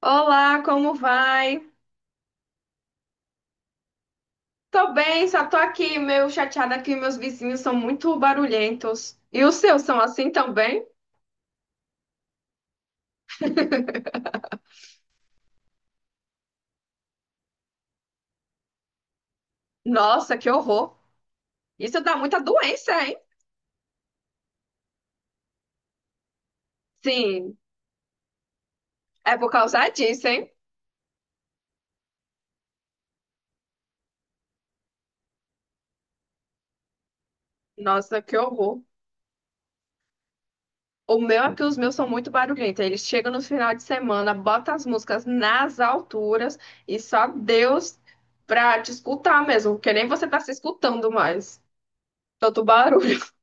Olá, como vai? Tô bem, só tô aqui meio chateada que meus vizinhos são muito barulhentos. E os seus são assim também? Nossa, que horror! Isso dá muita doença, hein? Sim, é por causa disso, hein? Nossa, que horror! O meu é que os meus são muito barulhentos. Eles chegam no final de semana, botam as músicas nas alturas e só Deus pra te escutar mesmo, porque nem você tá se escutando mais. Tanto barulho.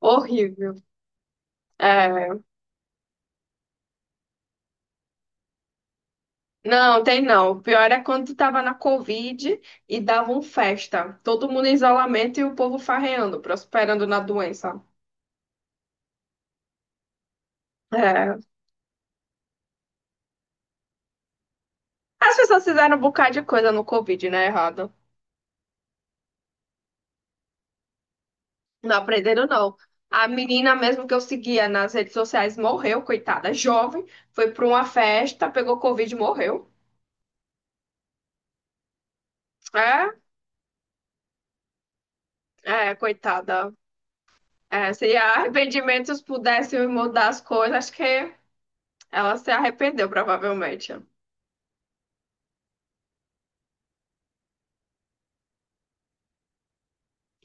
Horrível. É. Não, tem não. O pior é quando tava na Covid e davam festa. Todo mundo em isolamento e o povo farreando, prosperando na doença. É. As pessoas fizeram um bocado de coisa no Covid, né? Errado. Não aprenderam, não. A menina mesmo que eu seguia nas redes sociais morreu, coitada. Jovem, foi pra uma festa, pegou Covid e morreu. É, é, coitada. É, se arrependimentos pudessem mudar as coisas, acho que ela se arrependeu, provavelmente.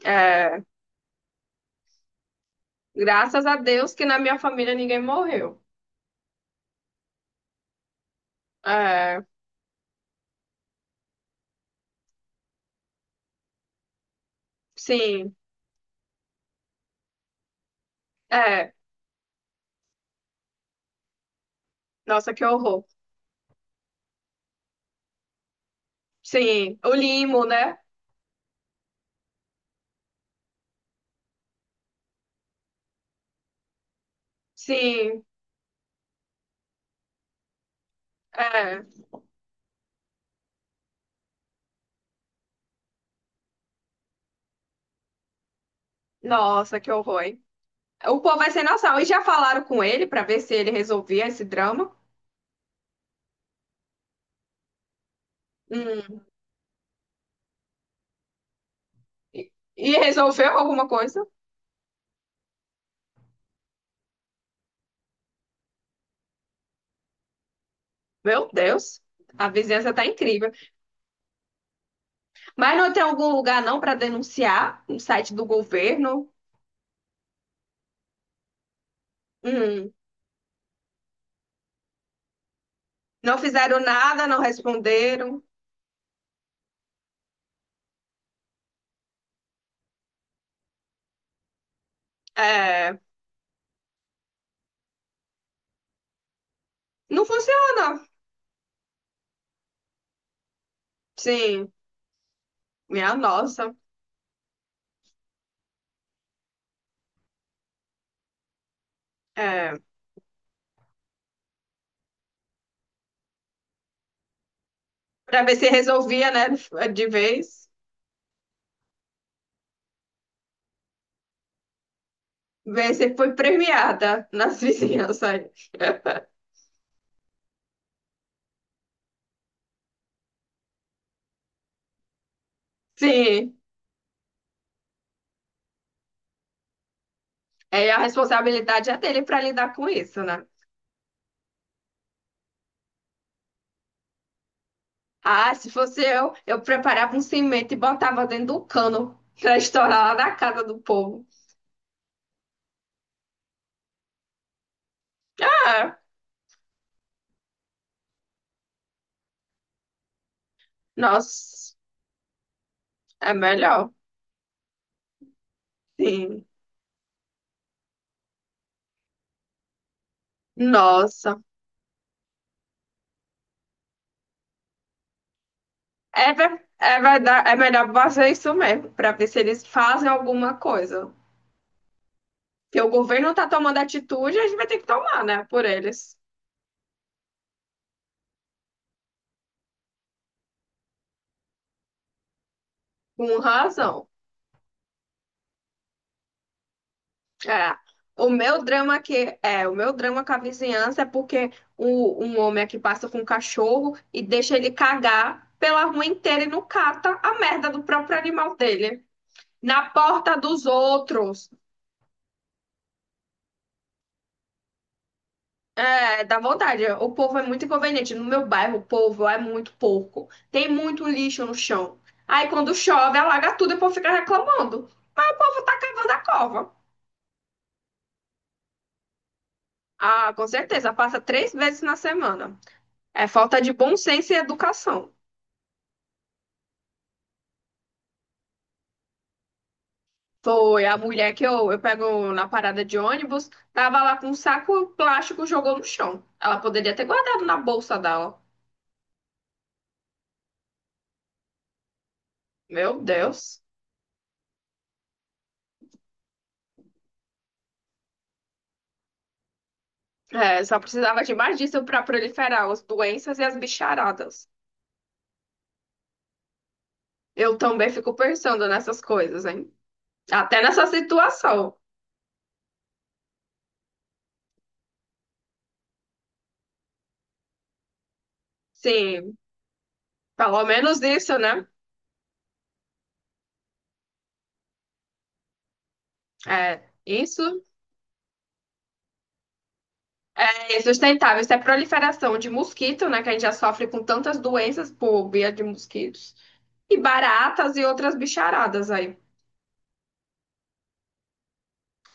É. Graças a Deus que na minha família ninguém morreu. É, sim, é. Nossa, que horror. Sim, o limo, né? Sim, é. Nossa, que horror, hein? O povo vai sem noção. E já falaram com ele pra ver se ele resolvia esse drama? Hum. E e resolveu alguma coisa? Meu Deus, a vizinhança tá incrível. Mas não tem algum lugar não pra denunciar no site do governo? Hum. Não fizeram nada, não responderam. É, não funciona. Sim, minha nossa. É, para ver se resolvia, né, de vez. Ver se foi premiada nas vizinhanças. Sim, é, a responsabilidade é dele para lidar com isso, né? Ah, se fosse eu preparava um cimento e botava dentro do cano para estourar lá na casa do povo. É, nossa, é melhor. Sim, nossa. É, ver- é, verdade, é melhor fazer isso mesmo, para ver se eles fazem alguma coisa. Porque o governo não está tomando atitude, a gente vai ter que tomar, né? Por eles. Com razão. É. O meu drama que é, o meu drama com a vizinhança é porque o, um homem aqui passa com um cachorro e deixa ele cagar pela rua inteira e não cata a merda do próprio animal dele. Na porta dos outros. É, dá vontade. O povo é muito inconveniente. No meu bairro, o povo é muito porco. Tem muito lixo no chão. Aí quando chove, alaga tudo e o povo fica reclamando. Mas o povo tá cavando a cova. Ah, com certeza, passa três vezes na semana. É falta de bom senso e educação. Foi a mulher que eu pego na parada de ônibus, tava lá com um saco plástico, jogou no chão. Ela poderia ter guardado na bolsa dela. Meu Deus. É, só precisava de mais disso para proliferar as doenças e as bicharadas. Eu também fico pensando nessas coisas, hein? Até nessa situação. Sim, pelo menos isso, né? É, isso é sustentável. Isso é proliferação de mosquito, né? Que a gente já sofre com tantas doenças por via de mosquitos. E baratas e outras bicharadas aí.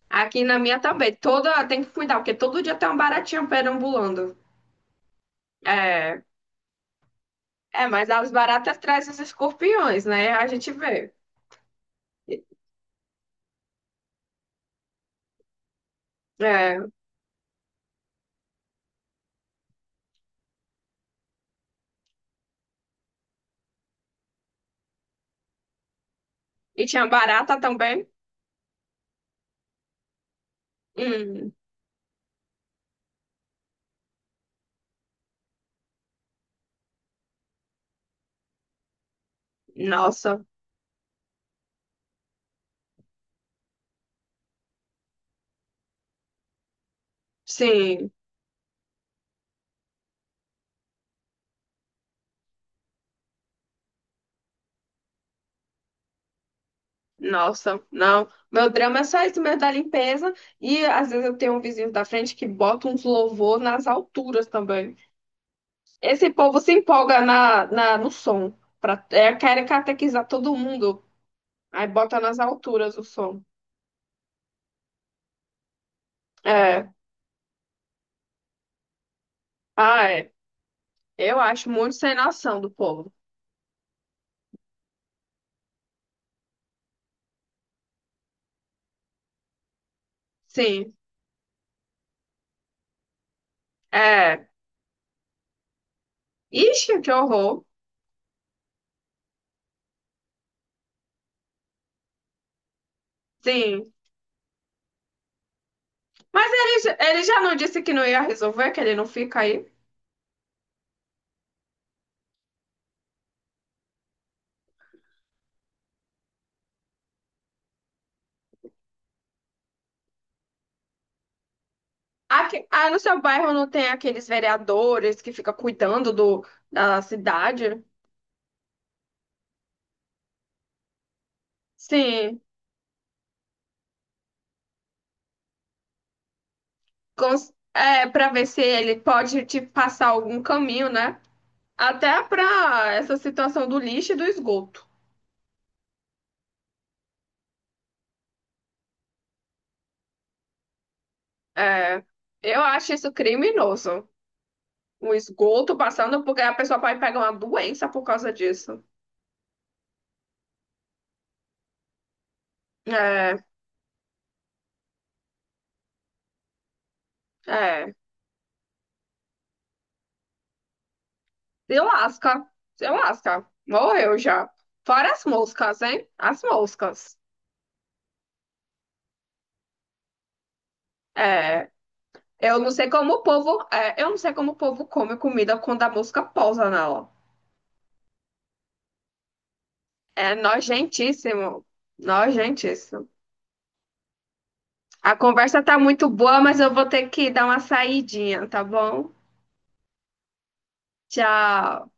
Aqui na minha também. Toda tem que cuidar, porque todo dia tem uma baratinha perambulando. É, é mas as baratas trazem os escorpiões, né? A gente vê. É, e tinha barata também. Hum, nossa, sim. Nossa, não. Meu drama é só isso mesmo da limpeza. E às vezes eu tenho um vizinho da frente que bota uns louvor nas alturas também. Esse povo se empolga no som. Pra, é, querem catequizar todo mundo. Aí bota nas alturas o som. É. Ah, é. Eu acho muito sem noção do povo. Sim. É. Ixi, que horror. Sim. Mas ele já não disse que não ia resolver, que ele não fica aí? Aqui, ah, no seu bairro não tem aqueles vereadores que ficam cuidando do, da cidade? Sim, cons- é, para ver se ele pode te passar algum caminho, né? Até para essa situação do lixo e do esgoto. É, eu acho isso criminoso. O esgoto passando porque a pessoa pode pegar uma doença por causa disso. É, é. Se lasca, se lasca. Morreu já. Fora as moscas, hein? As moscas. É. Eu não sei como o povo, é, eu não sei como o povo come comida quando a mosca pousa nela. É nojentíssimo, nojentíssimo. A conversa tá muito boa, mas eu vou ter que dar uma saidinha, tá bom? Tchau.